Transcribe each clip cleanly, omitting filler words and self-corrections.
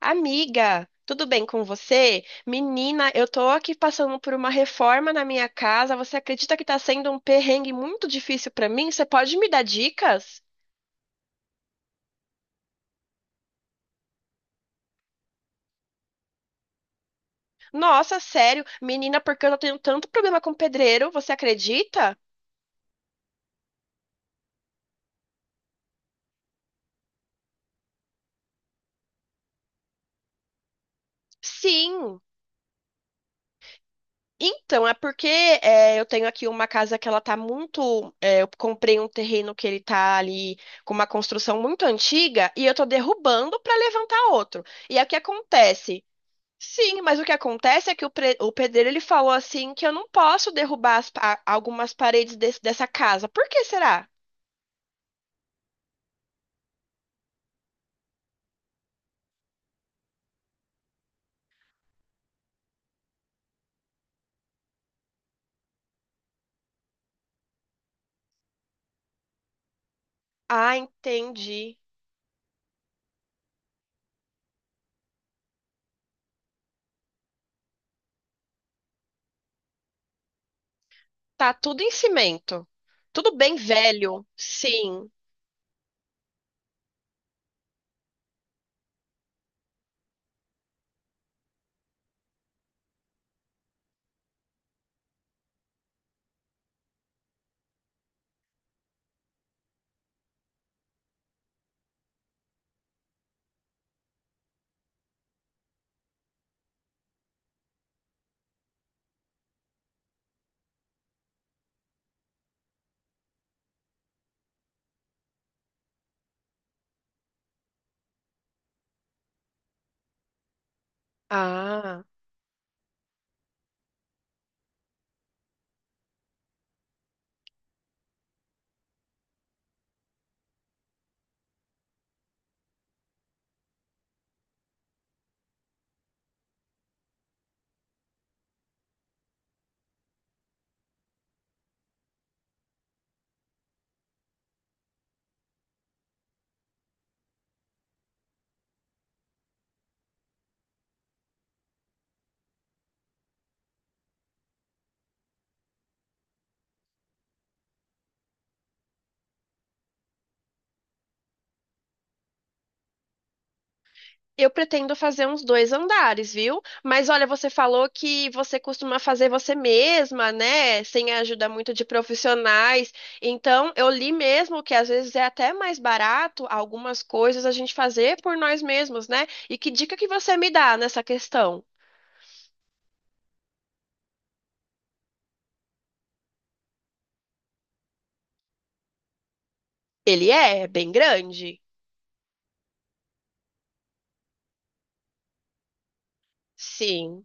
Amiga, tudo bem com você? Menina, eu tô aqui passando por uma reforma na minha casa. Você acredita que tá sendo um perrengue muito difícil pra mim? Você pode me dar dicas? Nossa, sério, menina, porque eu tô tendo tanto problema com pedreiro, você acredita? Sim. Então, é porque eu tenho aqui uma casa que ela tá eu comprei um terreno que ele tá ali com uma construção muito antiga e eu tô derrubando para levantar outro. E aí o que acontece? Sim, mas o que acontece é que o pedreiro ele falou assim que eu não posso derrubar algumas paredes dessa casa. Por que será? Ah, entendi. Tá tudo em cimento. Tudo bem velho. Sim. Ah. Eu pretendo fazer uns dois andares, viu? Mas olha, você falou que você costuma fazer você mesma, né? Sem a ajuda muito de profissionais. Então, eu li mesmo que às vezes é até mais barato algumas coisas a gente fazer por nós mesmos, né? E que dica que você me dá nessa questão? Ele é bem grande? Sim,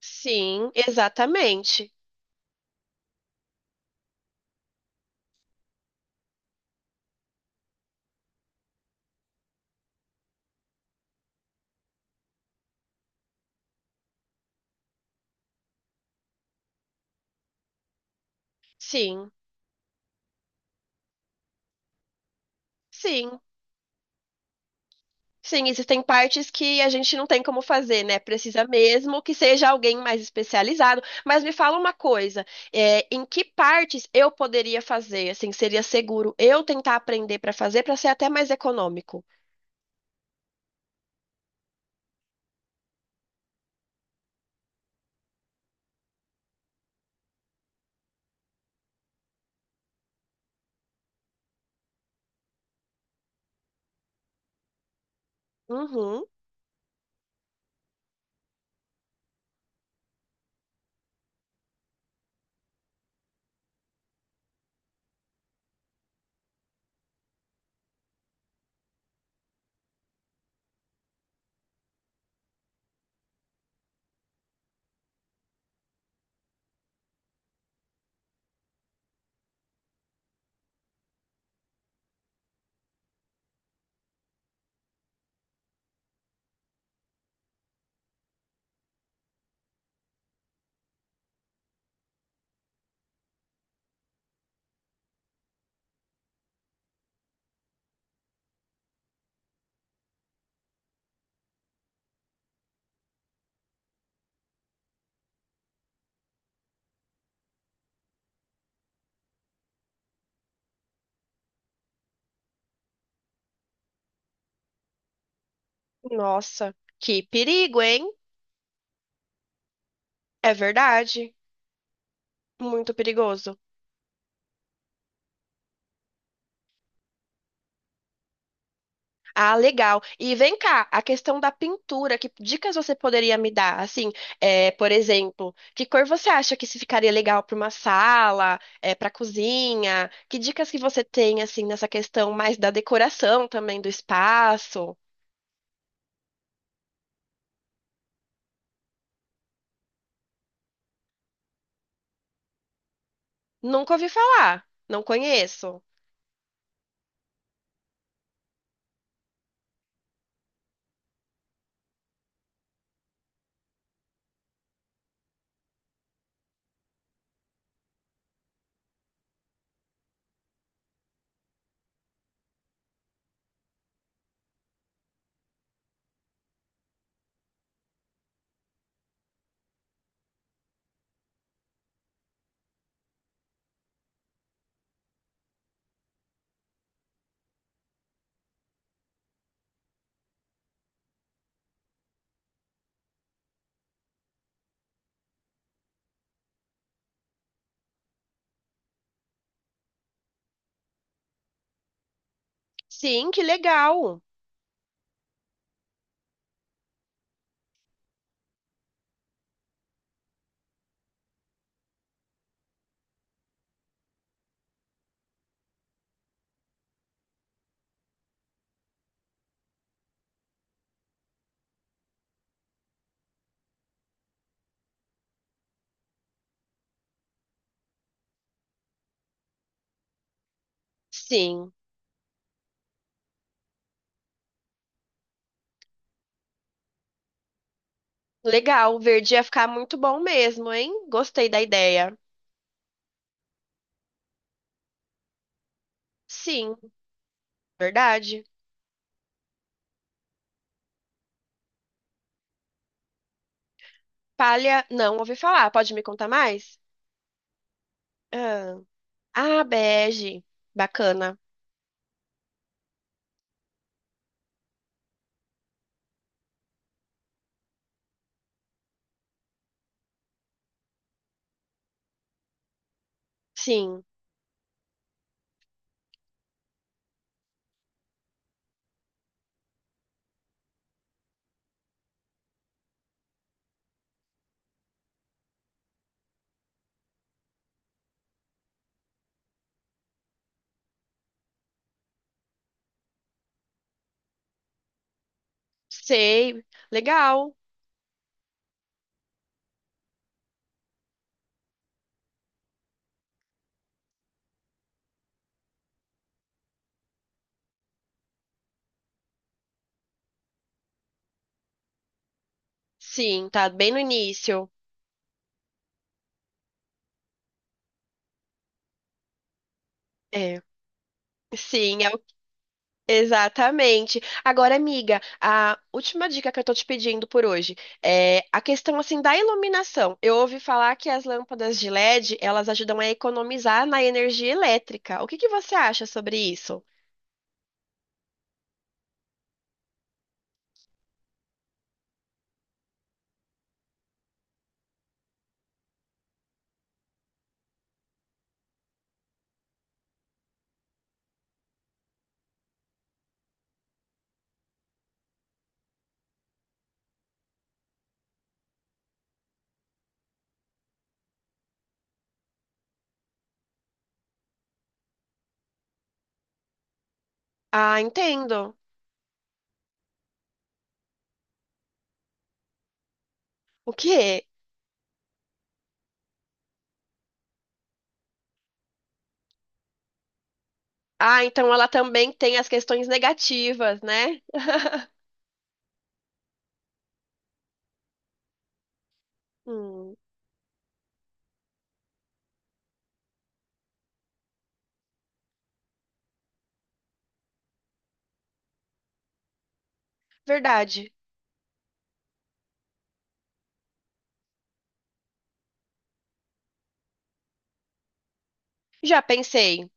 sim, exatamente. Sim, sim. Sim, existem partes que a gente não tem como fazer, né? Precisa mesmo que seja alguém mais especializado. Mas me fala uma coisa, em que partes eu poderia fazer? Assim, seria seguro eu tentar aprender para fazer para ser até mais econômico? Uhum. Nossa, que perigo, hein? É verdade, muito perigoso. Ah, legal. E vem cá, a questão da pintura, que dicas você poderia me dar? Assim, por exemplo, que cor você acha que se ficaria legal para uma sala, para cozinha? Que dicas que você tem assim nessa questão mais da decoração também do espaço? Nunca ouvi falar, não conheço. Sim, que legal. Sim, legal. Verde ia ficar muito bom mesmo, hein? Gostei da ideia. Sim, verdade. Palha, não ouvi falar. Pode me contar mais? Ah. Ah, bege. Bacana. Sim. Sei. Legal. Sim, tá bem no início. É. Sim, exatamente. Agora, amiga, a última dica que eu tô te pedindo por hoje é a questão assim da iluminação. Eu ouvi falar que as lâmpadas de LED, elas ajudam a economizar na energia elétrica. O que que você acha sobre isso? Ah, entendo. O quê? Ah, então ela também tem as questões negativas, né? Hum, verdade. Já pensei.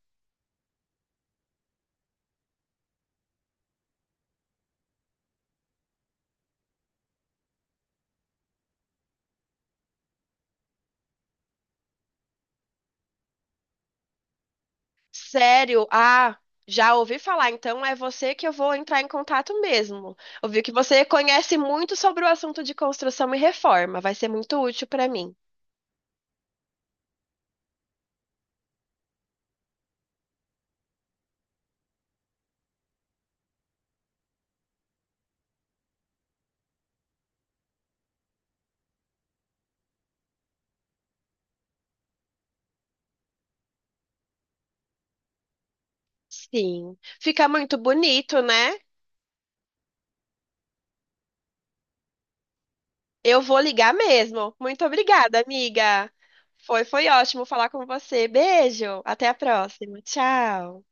Sério? Ah, já ouvi falar. Então é você que eu vou entrar em contato mesmo. Ouvi que você conhece muito sobre o assunto de construção e reforma. Vai ser muito útil para mim. Sim. Fica muito bonito, né? Eu vou ligar mesmo. Muito obrigada, amiga. Foi ótimo falar com você. Beijo. Até a próxima. Tchau.